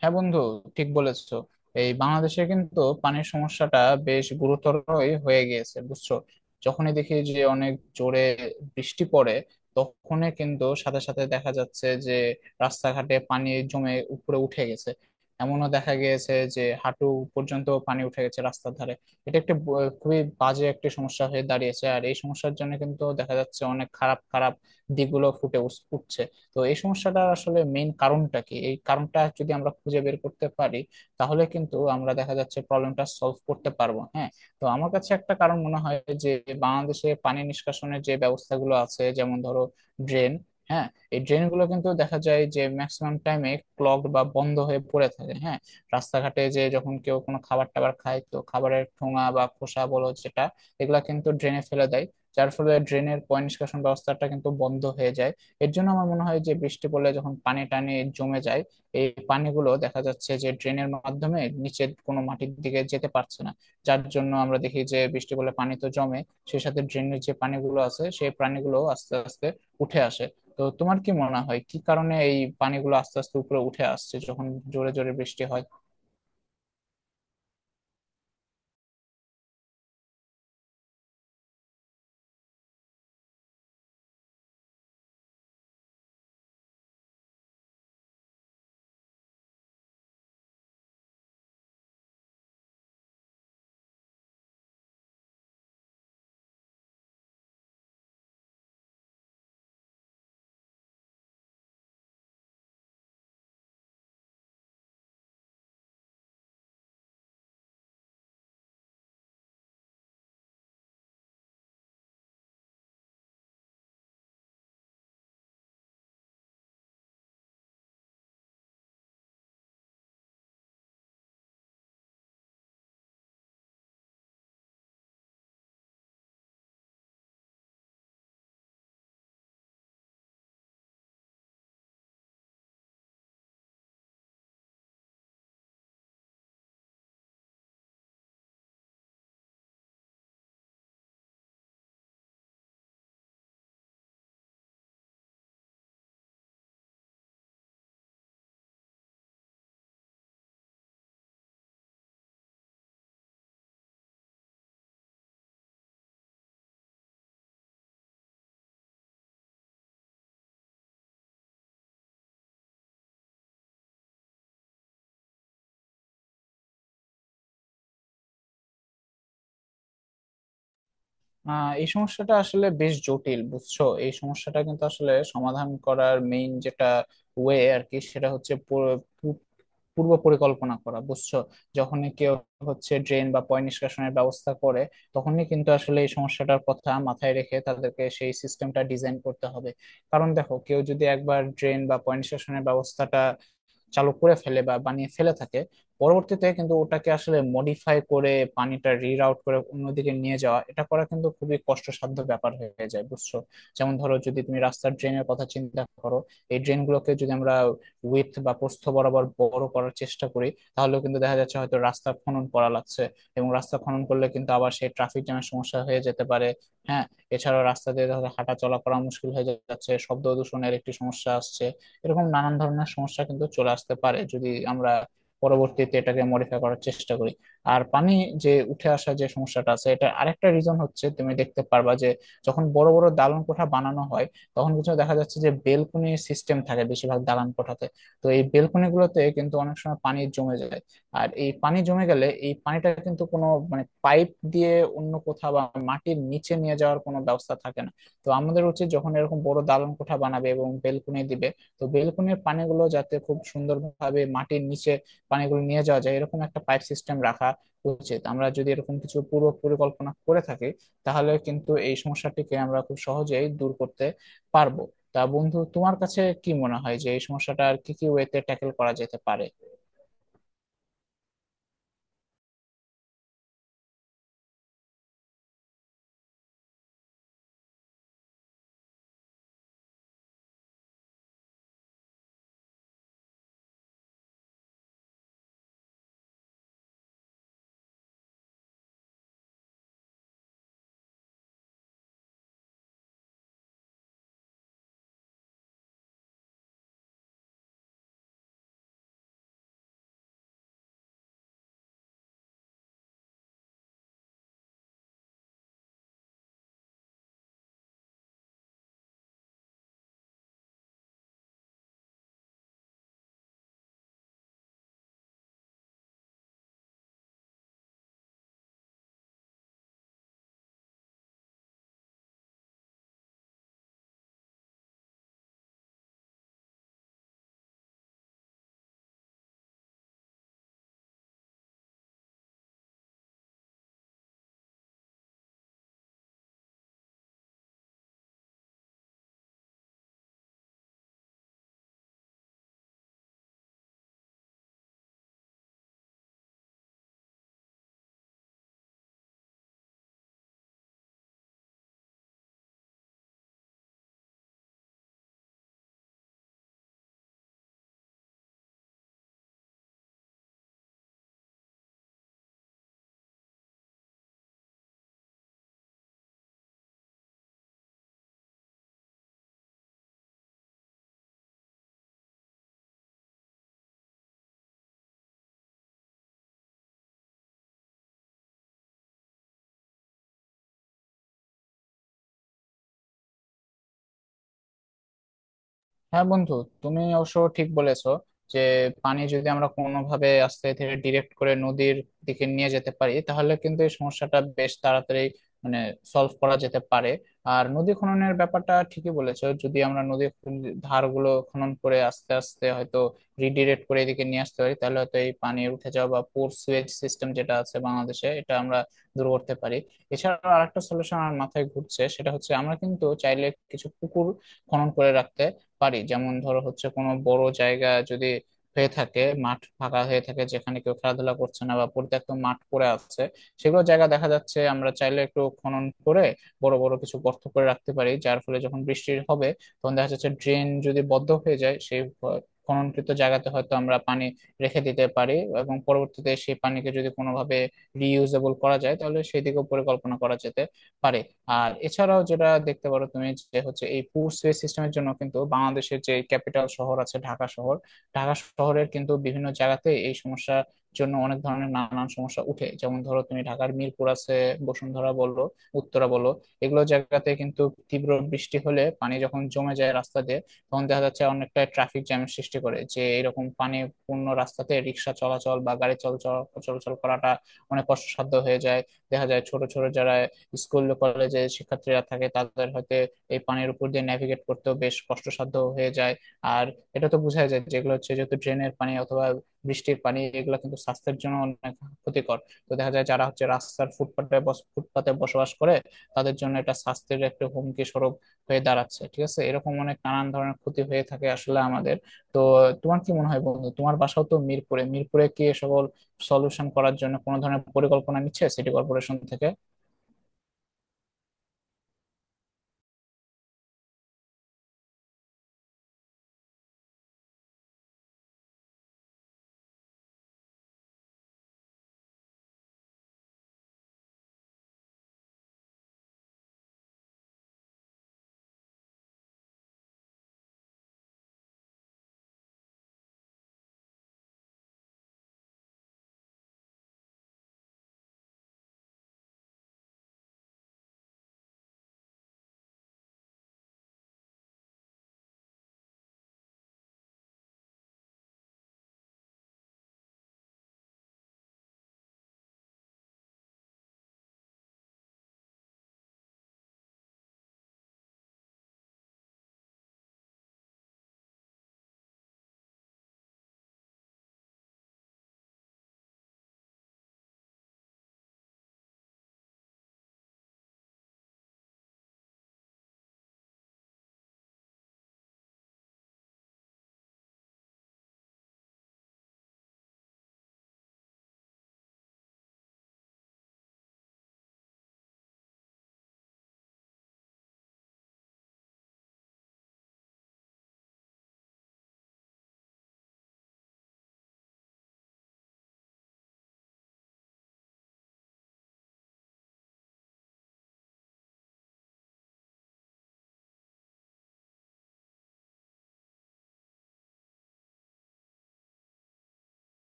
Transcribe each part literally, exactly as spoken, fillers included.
হ্যাঁ বন্ধু, ঠিক বলেছো। এই বাংলাদেশে কিন্তু পানির সমস্যাটা বেশ গুরুতরই হয়ে গিয়েছে, বুঝছো। যখনই দেখি যে অনেক জোরে বৃষ্টি পড়ে, তখনই কিন্তু সাথে সাথে দেখা যাচ্ছে যে রাস্তাঘাটে পানি জমে উপরে উঠে গেছে। এমনও দেখা গিয়েছে যে হাঁটু পর্যন্ত পানি উঠে গেছে রাস্তার ধারে। এটা একটা ব- খুবই বাজে একটা সমস্যা হয়ে দাঁড়িয়েছে, আর এই সমস্যার জন্য কিন্তু দেখা যাচ্ছে অনেক খারাপ খারাপ দিকগুলো ফুটে উস- উঠছে। তো এই সমস্যাটা আসলে মেইন কারণটা কি, এই কারণটা যদি আমরা খুঁজে বের করতে পারি, তাহলে কিন্তু আমরা দেখা যাচ্ছে প্রবলেমটা সলভ করতে পারবো। হ্যাঁ, তো আমার কাছে একটা কারণ মনে হয় যে বাংলাদেশে পানি নিষ্কাশনের যে ব্যবস্থাগুলো আছে, যেমন ধরো ড্রেন। হ্যাঁ, এই ড্রেনগুলো কিন্তু দেখা যায় যে ম্যাক্সিমাম টাইমে ক্লগ বা বন্ধ হয়ে পড়ে থাকে। হ্যাঁ, রাস্তাঘাটে যে যখন কেউ কোনো খাবার টাবার খায়, তো খাবারের ঠোঙা বা খোসা বলো যেটা, এগুলা কিন্তু ড্রেনে ফেলে দেয়, যার ফলে ড্রেনের পয় নিষ্কাশন ব্যবস্থাটা কিন্তু বন্ধ হয়ে যায়। এর জন্য আমার মনে হয় যে বৃষ্টি পড়লে যখন পানি টানে জমে যায়, এই পানিগুলো দেখা যাচ্ছে যে ড্রেনের মাধ্যমে নিচের কোনো মাটির দিকে যেতে পারছে না। যার জন্য আমরা দেখি যে বৃষ্টি পড়লে পানি তো জমে, সেই সাথে ড্রেনের যে পানিগুলো আছে সেই পানিগুলো আস্তে আস্তে উঠে আসে। তো তোমার কি মনে হয় কি কারণে এই পানিগুলো আস্তে আস্তে উপরে উঠে আসছে যখন জোরে জোরে বৃষ্টি হয়? আহ এই সমস্যাটা আসলে বেশ জটিল, বুঝছো। এই সমস্যাটা কিন্তু আসলে সমাধান করার মেইন যেটা ওয়ে আর কি, সেটা হচ্ছে পূর্ব পরিকল্পনা করা, বুঝছো। যখনই কেউ হচ্ছে ড্রেন বা পয় নিষ্কাশনের ব্যবস্থা করে, তখনই কিন্তু আসলে এই সমস্যাটার কথা মাথায় রেখে তাদেরকে সেই সিস্টেমটা ডিজাইন করতে হবে। কারণ দেখো, কেউ যদি একবার ড্রেন বা পয় নিষ্কাশনের ব্যবস্থাটা চালু করে ফেলে বা বানিয়ে ফেলে থাকে, পরবর্তীতে কিন্তু ওটাকে আসলে মডিফাই করে পানিটা রিরাউট করে অন্যদিকে নিয়ে যাওয়া, এটা করা কিন্তু খুবই কষ্টসাধ্য ব্যাপার হয়ে যায়, বুঝছো। যেমন ধরো, যদি তুমি রাস্তার ড্রেনের কথা চিন্তা করো, এই ড্রেনগুলোকে যদি আমরা উইথ বা প্রস্থ বরাবর বড় করার চেষ্টা করি, তাহলে কিন্তু দেখা যাচ্ছে হয়তো রাস্তা খনন করা লাগছে। এবং রাস্তা খনন করলে কিন্তু আবার সেই ট্রাফিক জ্যামের সমস্যা হয়ে যেতে পারে। হ্যাঁ, এছাড়াও রাস্তা দিয়ে ধরো হাঁটা চলা করা মুশকিল হয়ে যাচ্ছে, শব্দ দূষণের একটি সমস্যা আসছে। এরকম নানান ধরনের সমস্যা কিন্তু চলে আসতে পারে যদি আমরা পরবর্তীতে এটাকে মডিফাই করার চেষ্টা করি। আর পানি যে উঠে আসা যে সমস্যাটা আছে, এটা আরেকটা রিজন হচ্ছে, তুমি দেখতে পারবা যে যখন বড় বড় দালান কোঠা বানানো হয়, তখন কিছু দেখা যাচ্ছে যে বেলকনি সিস্টেম থাকে বেশিরভাগ দালান কোঠাতে। তো এই বেলকনি গুলোতে কিন্তু অনেক সময় পানি জমে যায়। আর এই পানি জমে গেলে এই পানিটা কিন্তু কোনো মানে পাইপ দিয়ে অন্য কোথাও বা মাটির নিচে নিয়ে যাওয়ার কোনো ব্যবস্থা থাকে না। তো আমাদের উচিত, যখন এরকম বড় দালান কোঠা বানাবে এবং বেলকনি দিবে, তো বেলকনির পানিগুলো যাতে খুব সুন্দরভাবে মাটির নিচে পানিগুলো নিয়ে যাওয়া যায়, এরকম একটা পাইপ সিস্টেম রাখা উচিত। আমরা যদি এরকম কিছু পূর্ব পরিকল্পনা করে থাকি, তাহলে কিন্তু এই সমস্যাটিকে আমরা খুব সহজেই দূর করতে পারবো। তা বন্ধু, তোমার কাছে কি মনে হয় যে এই সমস্যাটা আর কি কি ওয়েতে ট্যাকেল করা যেতে পারে? হ্যাঁ বন্ধু, তুমি অবশ্য ঠিক বলেছো যে পানি যদি আমরা কোনোভাবে আস্তে ধীরে ডিরেক্ট করে নদীর দিকে নিয়ে যেতে পারি, তাহলে কিন্তু এই সমস্যাটা বেশ তাড়াতাড়ি মানে সলভ করা যেতে পারে। আর নদী খননের ব্যাপারটা ঠিকই বলেছো, যদি আমরা নদীর ধারগুলো খনন করে আস্তে আস্তে হয়তো রিডিরেক্ট করে এদিকে নিয়ে আসতে পারি, তাহলে হয়তো এই পানি উঠে যাওয়া বা পোর সুয়েজ সিস্টেম যেটা আছে বাংলাদেশে, এটা আমরা দূর করতে পারি। এছাড়াও আরেকটা সলিউশন আমার মাথায় ঘুরছে, সেটা হচ্ছে আমরা কিন্তু চাইলে কিছু পুকুর খনন করে রাখতে পারি। যেমন ধরো হচ্ছে, কোনো বড় জায়গা যদি হয়ে থাকে, মাঠ ফাঁকা হয়ে থাকে যেখানে কেউ খেলাধুলা করছে না বা পরিত্যক্ত মাঠ পড়ে আছে, সেগুলো জায়গা দেখা যাচ্ছে আমরা চাইলে একটু খনন করে বড় বড় কিছু গর্ত করে রাখতে পারি। যার ফলে যখন বৃষ্টি হবে, তখন দেখা যাচ্ছে ড্রেন যদি বদ্ধ হয়ে যায়, সেই ভ- খননকৃত জায়গাতে হয়তো আমরা পানি রেখে দিতে পারি। এবং পরবর্তীতে সেই পানিকে যদি কোনোভাবে রিইউজেবল করা যায়, তাহলে সেদিকেও পরিকল্পনা করা যেতে পারে। আর এছাড়াও যেটা দেখতে পারো তুমি, যে হচ্ছে এই পুশ ওয়ে সিস্টেমের জন্য কিন্তু বাংলাদেশের যে ক্যাপিটাল শহর আছে ঢাকা শহর, ঢাকা শহরের কিন্তু বিভিন্ন জায়গাতে এই সমস্যার জন্য অনেক ধরনের নানান সমস্যা উঠে। যেমন ধরো তুমি, ঢাকার মিরপুর আছে, বসুন্ধরা বললো, উত্তরা বললো, এগুলো জায়গাতে কিন্তু তীব্র বৃষ্টি হলে পানি যখন জমে যায় রাস্তা দিয়ে, তখন দেখা যাচ্ছে অনেকটা ট্রাফিক জ্যামের সৃষ্টি করে যে এরকম পানি পূর্ণ রাস্তাতে রিক্সা চলাচল বা গাড়ি চলাচল চলাচল করাটা অনেক কষ্টসাধ্য হয়ে যায়। দেখা যায় ছোট ছোট যারা স্কুল কলেজে শিক্ষার্থীরা থাকে, তাদের হয়তো এই পানির উপর দিয়ে ন্যাভিগেট করতেও বেশ কষ্টসাধ্য হয়ে যায়। আর এটা তো বোঝাই যায়, যেগুলো হচ্ছে যেহেতু ড্রেনের পানি অথবা বৃষ্টির পানি, এগুলো কিন্তু স্বাস্থ্যের জন্য অনেক ক্ষতিকর। তো দেখা যায় যারা হচ্ছে রাস্তার ফুটপাতে বস- ফুটপাতে বসবাস করে, তাদের জন্য এটা স্বাস্থ্যের একটা হুমকি স্বরূপ হয়ে দাঁড়াচ্ছে। ঠিক আছে, এরকম অনেক নানান ধরনের ক্ষতি হয়ে থাকে আসলে আমাদের। তো তোমার কি মনে হয় বন্ধু, তোমার বাসাও তো মিরপুরে, মিরপুরে কি এ সকল সলিউশন করার জন্য কোনো ধরনের পরিকল্পনা নিচ্ছে সিটি কর্পোরেশন থেকে?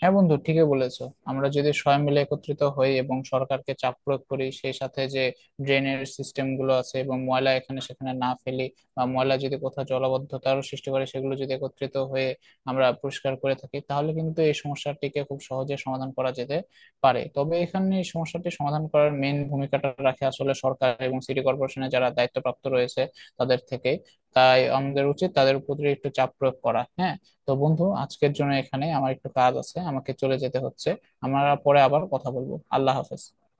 হ্যাঁ বন্ধু, ঠিকই বলেছো। আমরা যদি সবাই মিলে একত্রিত হই এবং সরকারকে চাপ প্রয়োগ করি, সেই সাথে যে ড্রেনের সিস্টেম গুলো আছে এবং ময়লা এখানে সেখানে না ফেলি বা ময়লা যদি কোথাও জলাবদ্ধতারও সৃষ্টি করে, সেগুলো যদি একত্রিত হয়ে আমরা পরিষ্কার করে থাকি, তাহলে কিন্তু এই সমস্যাটিকে খুব সহজে সমাধান করা যেতে পারে। তবে এখানে এই সমস্যাটি সমাধান করার মেন ভূমিকাটা রাখে আসলে সরকার এবং সিটি কর্পোরেশনে যারা দায়িত্বপ্রাপ্ত রয়েছে তাদের থেকে। তাই আমাদের উচিত তাদের উপর একটু চাপ প্রয়োগ করা। হ্যাঁ, তো বন্ধু, আজকের জন্য এখানে আমার একটু কাজ আছে, আমাকে চলে যেতে হচ্ছে। আমরা পরে আবার কথা বলবো। আল্লাহ হাফেজ।